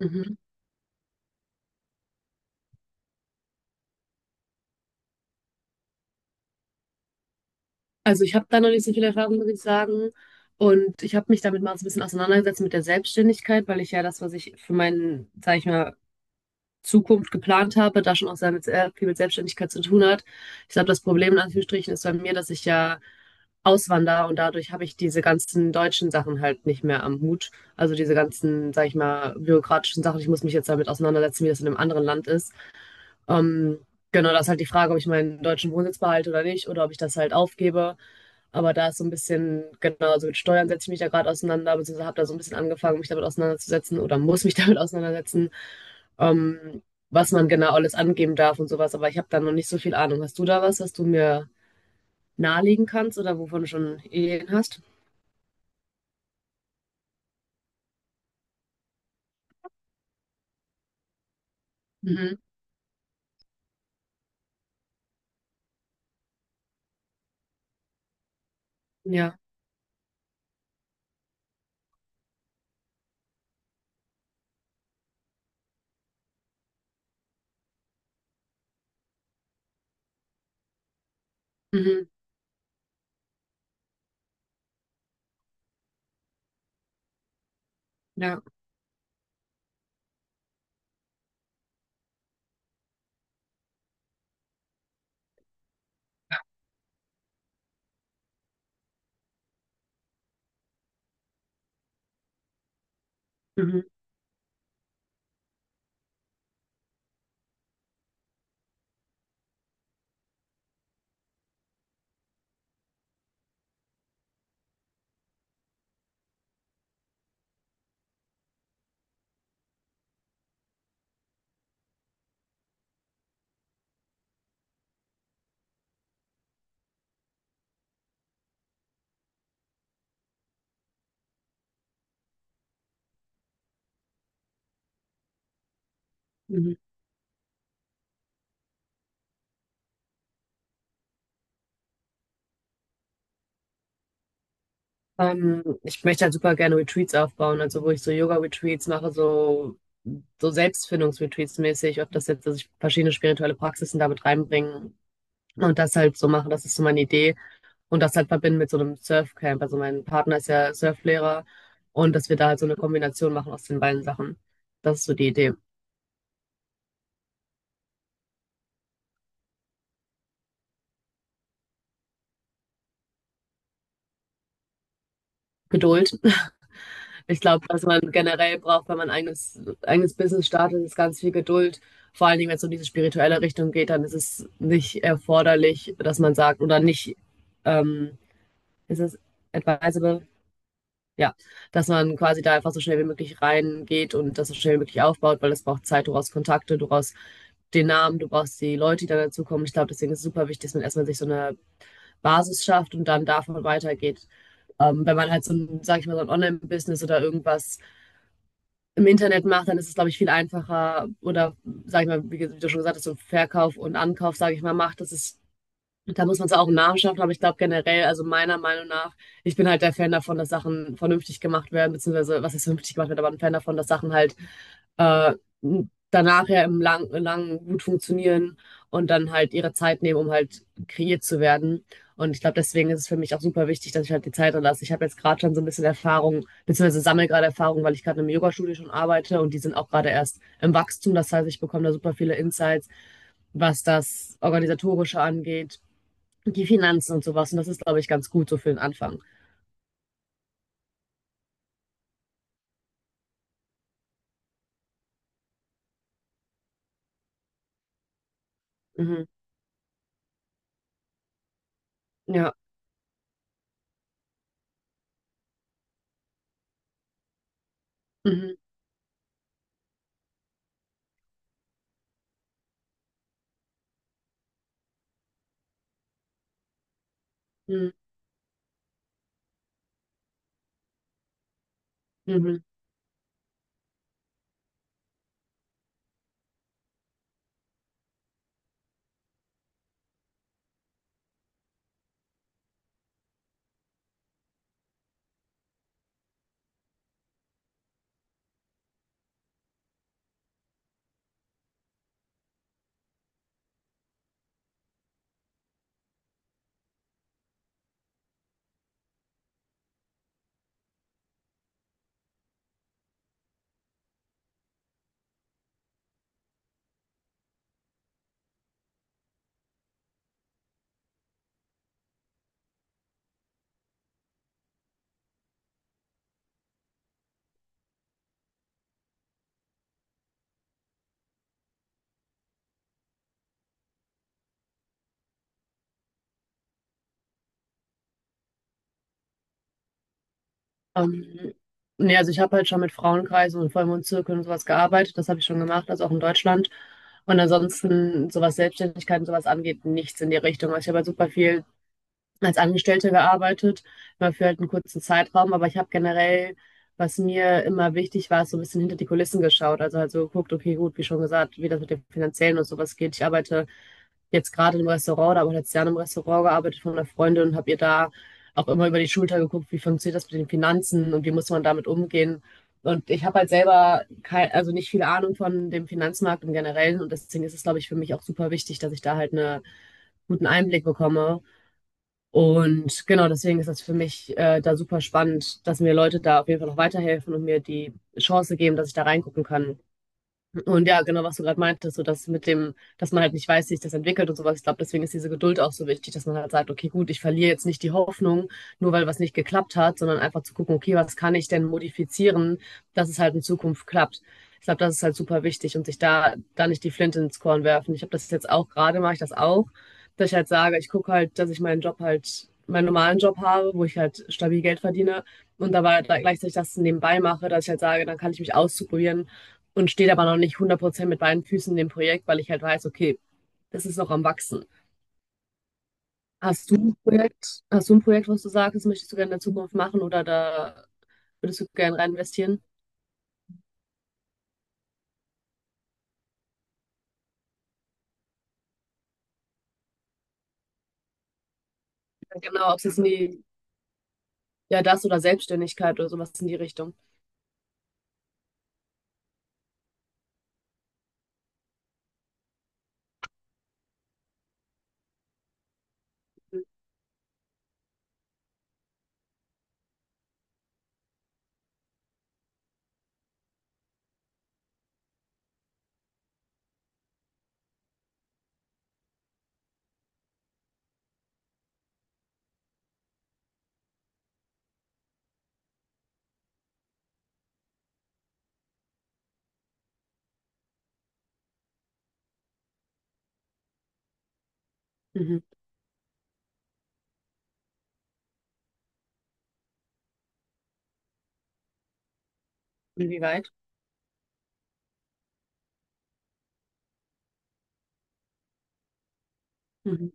Mhm. Also ich habe da noch nicht so viel Erfahrung, muss ich sagen. Und ich habe mich damit mal so ein bisschen auseinandergesetzt mit der Selbstständigkeit, weil ich ja das, was ich für meinen, sage ich mal, Zukunft geplant habe, da schon auch sehr, sehr viel mit Selbstständigkeit zu tun hat. Ich glaube, das Problem in Anführungsstrichen ist bei mir, dass ich ja auswandere und dadurch habe ich diese ganzen deutschen Sachen halt nicht mehr am Hut. Also diese ganzen, sage ich mal, bürokratischen Sachen. Ich muss mich jetzt damit auseinandersetzen, wie das in einem anderen Land ist. Ähm, genau, das ist halt die Frage, ob ich meinen deutschen Wohnsitz behalte oder nicht oder ob ich das halt aufgebe. Aber da ist so ein bisschen, genau, also mit Steuern setze ich mich da gerade auseinander, beziehungsweise habe da so ein bisschen angefangen, mich damit auseinanderzusetzen oder muss mich damit auseinandersetzen, ähm, was man genau alles angeben darf und sowas. Aber ich habe da noch nicht so viel Ahnung. Hast du da was, was du mir nahelegen kannst oder wovon du schon Ideen hast? Mhm. Ja. Mhm. Ja. Mhm. Mhm. Ich möchte halt super gerne Retreats aufbauen, also wo ich so Yoga-Retreats mache, so, so Selbstfindungs-Retreats mäßig, ob das jetzt, dass ich verschiedene spirituelle Praxisen damit reinbringe und das halt so mache, das ist so meine Idee und das halt verbinden mit so einem Surfcamp. Also mein Partner ist ja Surflehrer und dass wir da halt so eine Kombination machen aus den beiden Sachen. Das ist so die Idee. Geduld. Ich glaube, was man generell braucht, wenn man ein eigenes Business startet, ist ganz viel Geduld. Vor allen Dingen, wenn es um diese spirituelle Richtung geht, dann ist es nicht erforderlich, dass man sagt, oder nicht, ähm, ist es advisable? Ja, dass man quasi da einfach so schnell wie möglich reingeht und das so schnell wie möglich aufbaut, weil es braucht Zeit, du brauchst Kontakte, du brauchst den Namen, du brauchst die Leute, die dann dazukommen. Ich glaube, deswegen ist es super wichtig, dass man erstmal sich so eine Basis schafft und dann davon weitergeht. Wenn man halt so ein, sag ich mal, so ein Online-Business oder irgendwas im Internet macht, dann ist es, glaube ich, viel einfacher. Oder, sag ich mal, wie, du schon gesagt hast, so Verkauf und Ankauf, sage ich mal, macht. Das ist, da muss man es auch im Namen schaffen. Aber ich glaube generell, also meiner Meinung nach, ich bin halt der Fan davon, dass Sachen vernünftig gemacht werden, beziehungsweise was ist vernünftig gemacht wird, aber ein Fan davon, dass Sachen halt äh, danach ja im langen gut funktionieren und dann halt ihre Zeit nehmen, um halt kreiert zu werden. Und ich glaube, deswegen ist es für mich auch super wichtig, dass ich halt die Zeit dann lasse. Ich habe jetzt gerade schon so ein bisschen Erfahrung, beziehungsweise sammle gerade Erfahrung, weil ich gerade im Yoga-Studio schon arbeite und die sind auch gerade erst im Wachstum. Das heißt, ich bekomme da super viele Insights, was das Organisatorische angeht, die Finanzen und sowas. Und das ist, glaube ich, ganz gut so für den Anfang. Mhm. Ja. Mhm. Mhm. Mhm. Ähm, Nee, also ich habe halt schon mit Frauenkreisen und Vollmondzirkeln und sowas gearbeitet. Das habe ich schon gemacht, also auch in Deutschland. Und ansonsten, so was Selbstständigkeit und sowas angeht, nichts in die Richtung. Also ich habe halt super viel als Angestellte gearbeitet, mal für halt einen kurzen Zeitraum, aber ich habe generell, was mir immer wichtig war, so ein bisschen hinter die Kulissen geschaut. Also halt so geguckt, okay, gut, wie schon gesagt, wie das mit dem Finanziellen und sowas geht. Ich arbeite jetzt gerade im Restaurant, da habe ich letztes Jahr im Restaurant gearbeitet von einer Freundin und habe ihr da auch immer über die Schulter geguckt, wie funktioniert das mit den Finanzen und wie muss man damit umgehen. Und ich habe halt selber kein, also nicht viel Ahnung von dem Finanzmarkt im Generellen und deswegen ist es, glaube ich, für mich auch super wichtig, dass ich da halt eine guten Einblick bekomme und genau, deswegen ist das für mich da super spannend, dass mir Leute da auf jeden Fall noch weiterhelfen und mir die Chance geben, dass ich da reingucken kann. Und ja, genau, was du gerade meintest, so dass mit dem, dass man halt nicht weiß, wie sich das entwickelt und sowas. Ich glaube, deswegen ist diese Geduld auch so wichtig, dass man halt sagt, okay, gut, ich verliere jetzt nicht die Hoffnung, nur weil was nicht geklappt hat, sondern einfach zu gucken, okay, was kann ich denn modifizieren, dass es halt in Zukunft klappt. Ich glaube, das ist halt super wichtig und sich da nicht die Flinte ins Korn werfen. Ich habe das jetzt auch gerade, mache ich das auch, dass ich halt sage, ich gucke halt, dass ich meinen Job halt, meinen normalen Job habe, wo ich halt stabil Geld verdiene und dabei gleichzeitig das nebenbei mache, dass ich halt sage, dann kann ich mich ausprobieren und steht aber noch nicht 100% mit beiden Füßen in dem Projekt, weil ich halt weiß, okay, das ist noch am Wachsen. Hast du ein Projekt, was du sagst, das möchtest du gerne in der Zukunft machen oder da würdest du gerne rein investieren? Genau, ob es jetzt in die, ja, das oder Selbstständigkeit oder sowas in die Richtung. Mhm. Inwieweit? Mhm.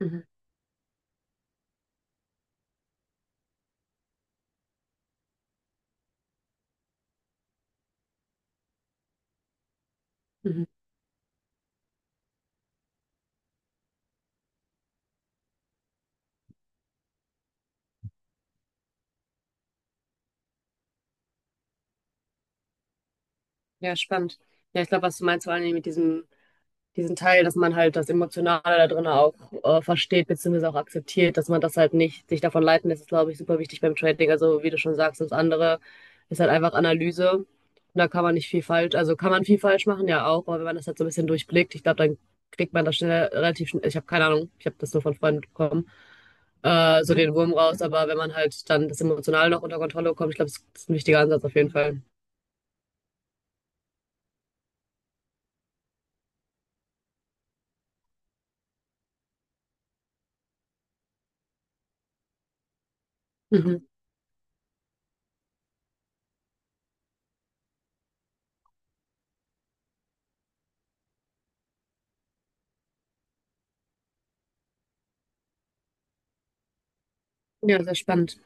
Mhm. Mhm. Ja, spannend. Ja, ich glaube, was du meinst, vor allem mit diesem diesen Teil, dass man halt das Emotionale da drin auch versteht, beziehungsweise auch akzeptiert, dass man das halt nicht sich davon leiten lässt, ist, glaube ich, super wichtig beim Trading. Also, wie du schon sagst, das andere ist halt einfach Analyse. Und da kann man nicht viel falsch, also kann man viel falsch machen, ja auch, aber wenn man das halt so ein bisschen durchblickt, ich glaube, dann kriegt man das schnell relativ schnell, ich habe keine Ahnung, ich habe das nur von Freunden bekommen, so den Wurm raus, aber wenn man halt dann das Emotionale noch unter Kontrolle bekommt, ich glaube, das ist ein wichtiger Ansatz auf jeden Fall. Mhm. Ja, sehr spannend.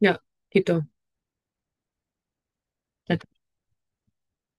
Ja, Tito.